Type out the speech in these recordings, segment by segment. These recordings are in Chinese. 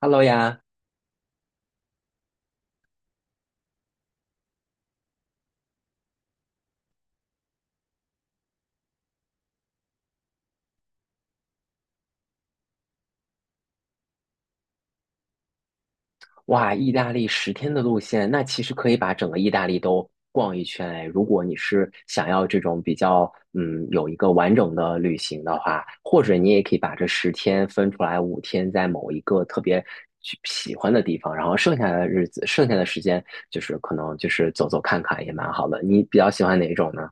Hello 呀，哇，意大利十天的路线，那其实可以把整个意大利都逛一圈哎。如果你是想要这种比较，有一个完整的旅行的话，或者你也可以把这十天分出来5天，在某一个特别去喜欢的地方，然后剩下的日子，剩下的时间就是可能就是走走看看也蛮好的。你比较喜欢哪一种呢？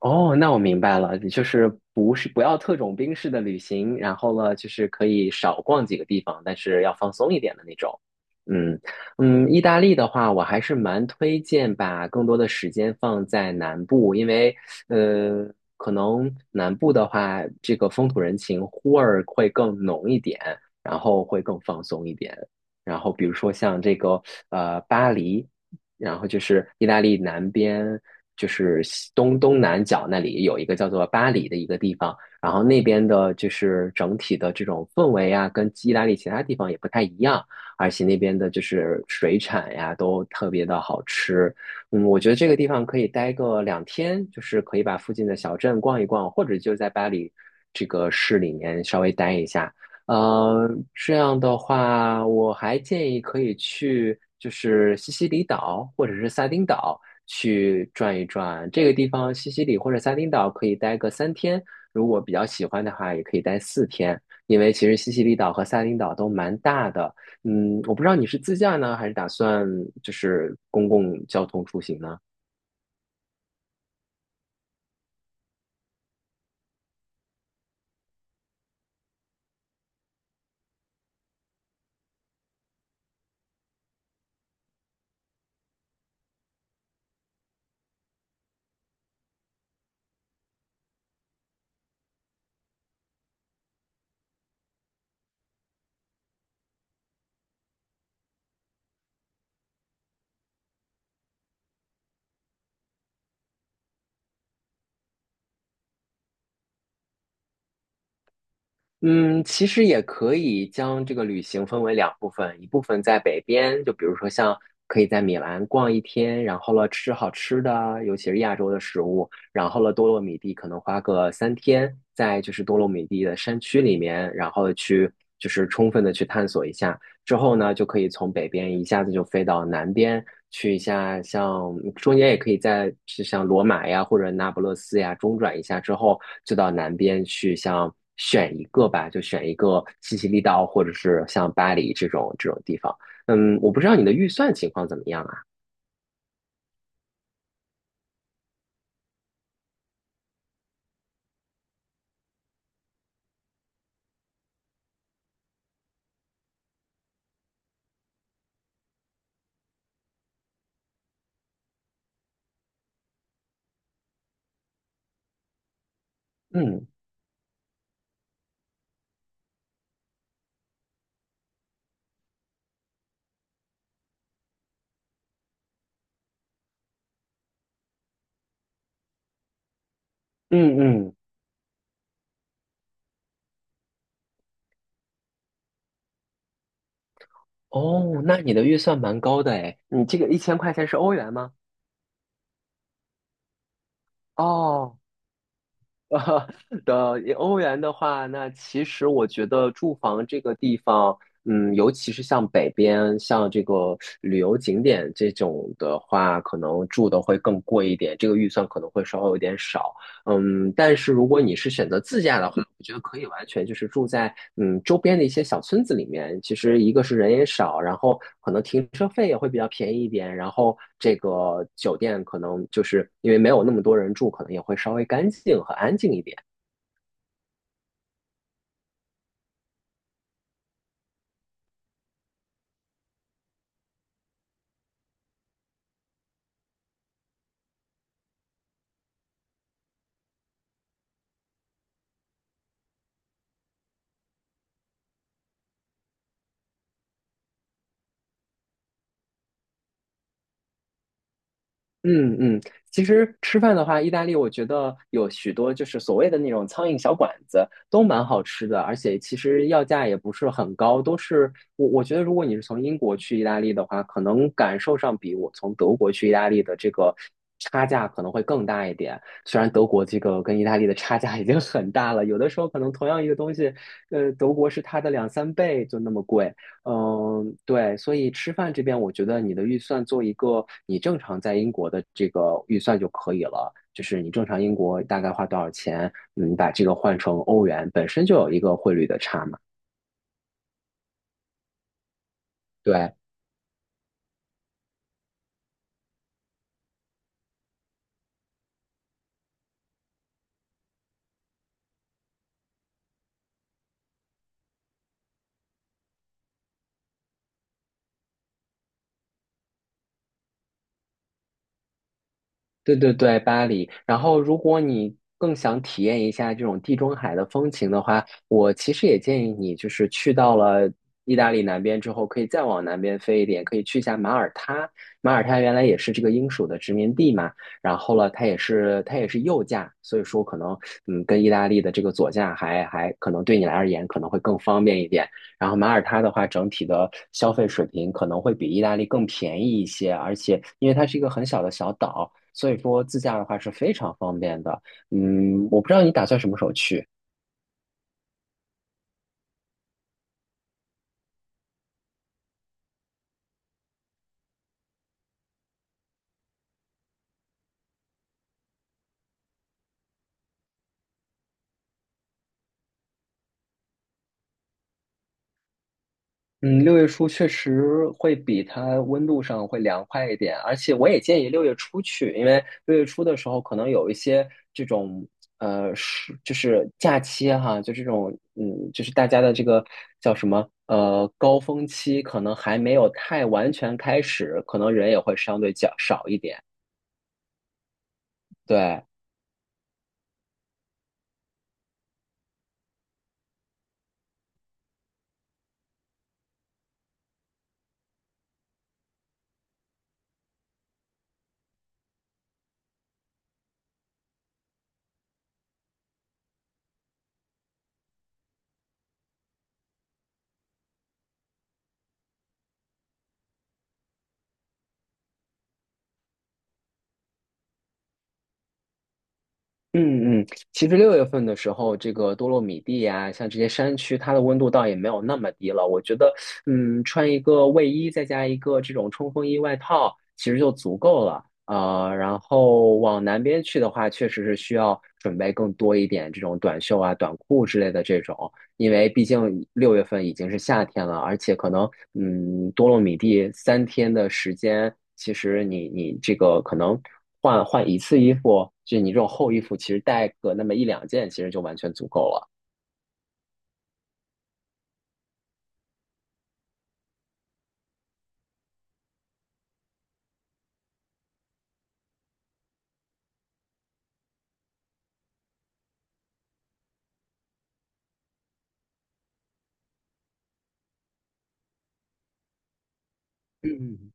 哦，那我明白了，就是不是不要特种兵式的旅行，然后呢，就是可以少逛几个地方，但是要放松一点的那种。嗯嗯，意大利的话，我还是蛮推荐把更多的时间放在南部，因为呃，可能南部的话，这个风土人情味儿会更浓一点，然后会更放松一点。然后比如说像这个巴黎。然后就是意大利南边，就是西东东南角那里有一个叫做巴黎的一个地方，然后那边的就是整体的这种氛围啊，跟意大利其他地方也不太一样，而且那边的就是水产呀都特别的好吃。我觉得这个地方可以待个2天，就是可以把附近的小镇逛一逛，或者就在巴黎这个市里面稍微待一下。呃，这样的话，我还建议可以去就是西西里岛或者是撒丁岛去转一转。这个地方，西西里或者撒丁岛可以待个三天，如果比较喜欢的话，也可以待4天。因为其实西西里岛和撒丁岛都蛮大的。我不知道你是自驾呢，还是打算就是公共交通出行呢？嗯，其实也可以将这个旅行分为两部分，一部分在北边，就比如说像可以在米兰逛1天，然后了吃好吃的，尤其是亚洲的食物，然后了多洛米蒂可能花个三天，在就是多洛米蒂的山区里面，然后去就是充分的去探索一下。之后呢，就可以从北边一下子就飞到南边去一下，像中间也可以在就像罗马呀或者那不勒斯呀中转一下之后，就到南边去像选一个吧，就选一个西西里岛或者是像巴黎这种地方。我不知道你的预算情况怎么样啊？嗯嗯嗯，哦，那你的预算蛮高的诶，你这个1000块钱是欧元吗？哦 呃的欧元的话，那其实我觉得住房这个地方，尤其是像北边，像这个旅游景点这种的话，可能住的会更贵一点，这个预算可能会稍微有点少。但是如果你是选择自驾的话，我觉得可以完全就是住在周边的一些小村子里面。其实一个是人也少，然后可能停车费也会比较便宜一点，然后这个酒店可能就是因为没有那么多人住，可能也会稍微干净和安静一点。嗯嗯，其实吃饭的话，意大利我觉得有许多就是所谓的那种苍蝇小馆子，都蛮好吃的，而且其实要价也不是很高，都是我觉得如果你是从英国去意大利的话，可能感受上比我从德国去意大利的这个差价可能会更大一点。虽然德国这个跟意大利的差价已经很大了，有的时候可能同样一个东西，德国是它的两三倍就那么贵，对，所以吃饭这边，我觉得你的预算做一个你正常在英国的这个预算就可以了。就是你正常英国大概花多少钱，你把这个换成欧元，本身就有一个汇率的差嘛。对，对对对，巴黎。然后，如果你更想体验一下这种地中海的风情的话，我其实也建议你，就是去到了意大利南边之后，可以再往南边飞一点，可以去一下马耳他。马耳他原来也是这个英属的殖民地嘛，然后了，它也是右驾，所以说可能跟意大利的这个左驾还可能对你来而言可能会更方便一点。然后马耳他的话，整体的消费水平可能会比意大利更便宜一些，而且因为它是一个很小的小岛，所以说自驾的话是非常方便的。我不知道你打算什么时候去。嗯，六月初确实会比它温度上会凉快一点，而且我也建议六月初去，因为六月初的时候可能有一些这种是就是假期啊哈，就这种就是大家的这个叫什么高峰期，可能还没有太完全开始，可能人也会相对较少一点。对，嗯嗯，其实六月份的时候，这个多洛米蒂呀、像这些山区，它的温度倒也没有那么低了。我觉得，穿一个卫衣，再加一个这种冲锋衣外套，其实就足够了。然后往南边去的话，确实是需要准备更多一点这种短袖啊、短裤之类的这种。因为毕竟六月份已经是夏天了，而且可能多洛米蒂三天的时间，其实你这个可能换一次衣服，就你这种厚衣服，其实带个那么一两件，其实就完全足够了。嗯，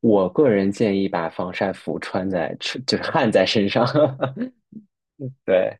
我个人建议把防晒服穿在，就是焊在身上。对，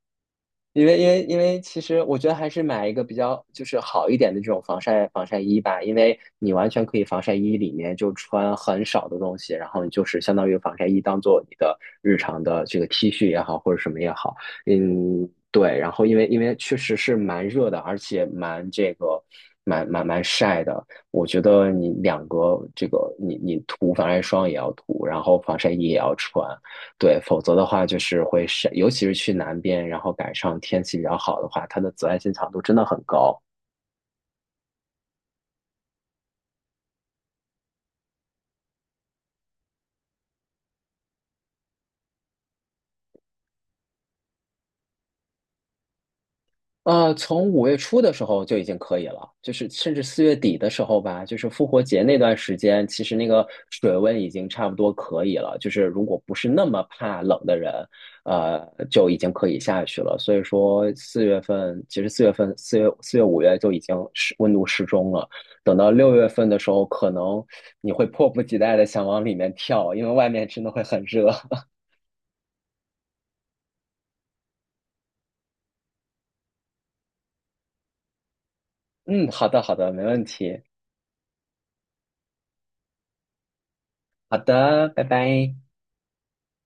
因为其实我觉得还是买一个比较就是好一点的这种防晒衣吧，因为你完全可以防晒衣里面就穿很少的东西，然后你就是相当于防晒衣当做你的日常的这个 T 恤也好或者什么也好，对。然后因为确实是蛮热的，而且蛮这个蛮晒的，我觉得你两个这个你涂防晒霜也要涂，然后防晒衣也要穿，对，否则的话就是会晒，尤其是去南边，然后赶上天气比较好的话，它的紫外线强度真的很高。从五月初的时候就已经可以了，就是甚至四月底的时候吧，就是复活节那段时间，其实那个水温已经差不多可以了。就是如果不是那么怕冷的人，就已经可以下去了。所以说四月份，其实四月份、四月、五月就已经是温度适中了。等到六月份的时候，可能你会迫不及待的想往里面跳，因为外面真的会很热。嗯，好的，好的，没问题。好的，拜拜。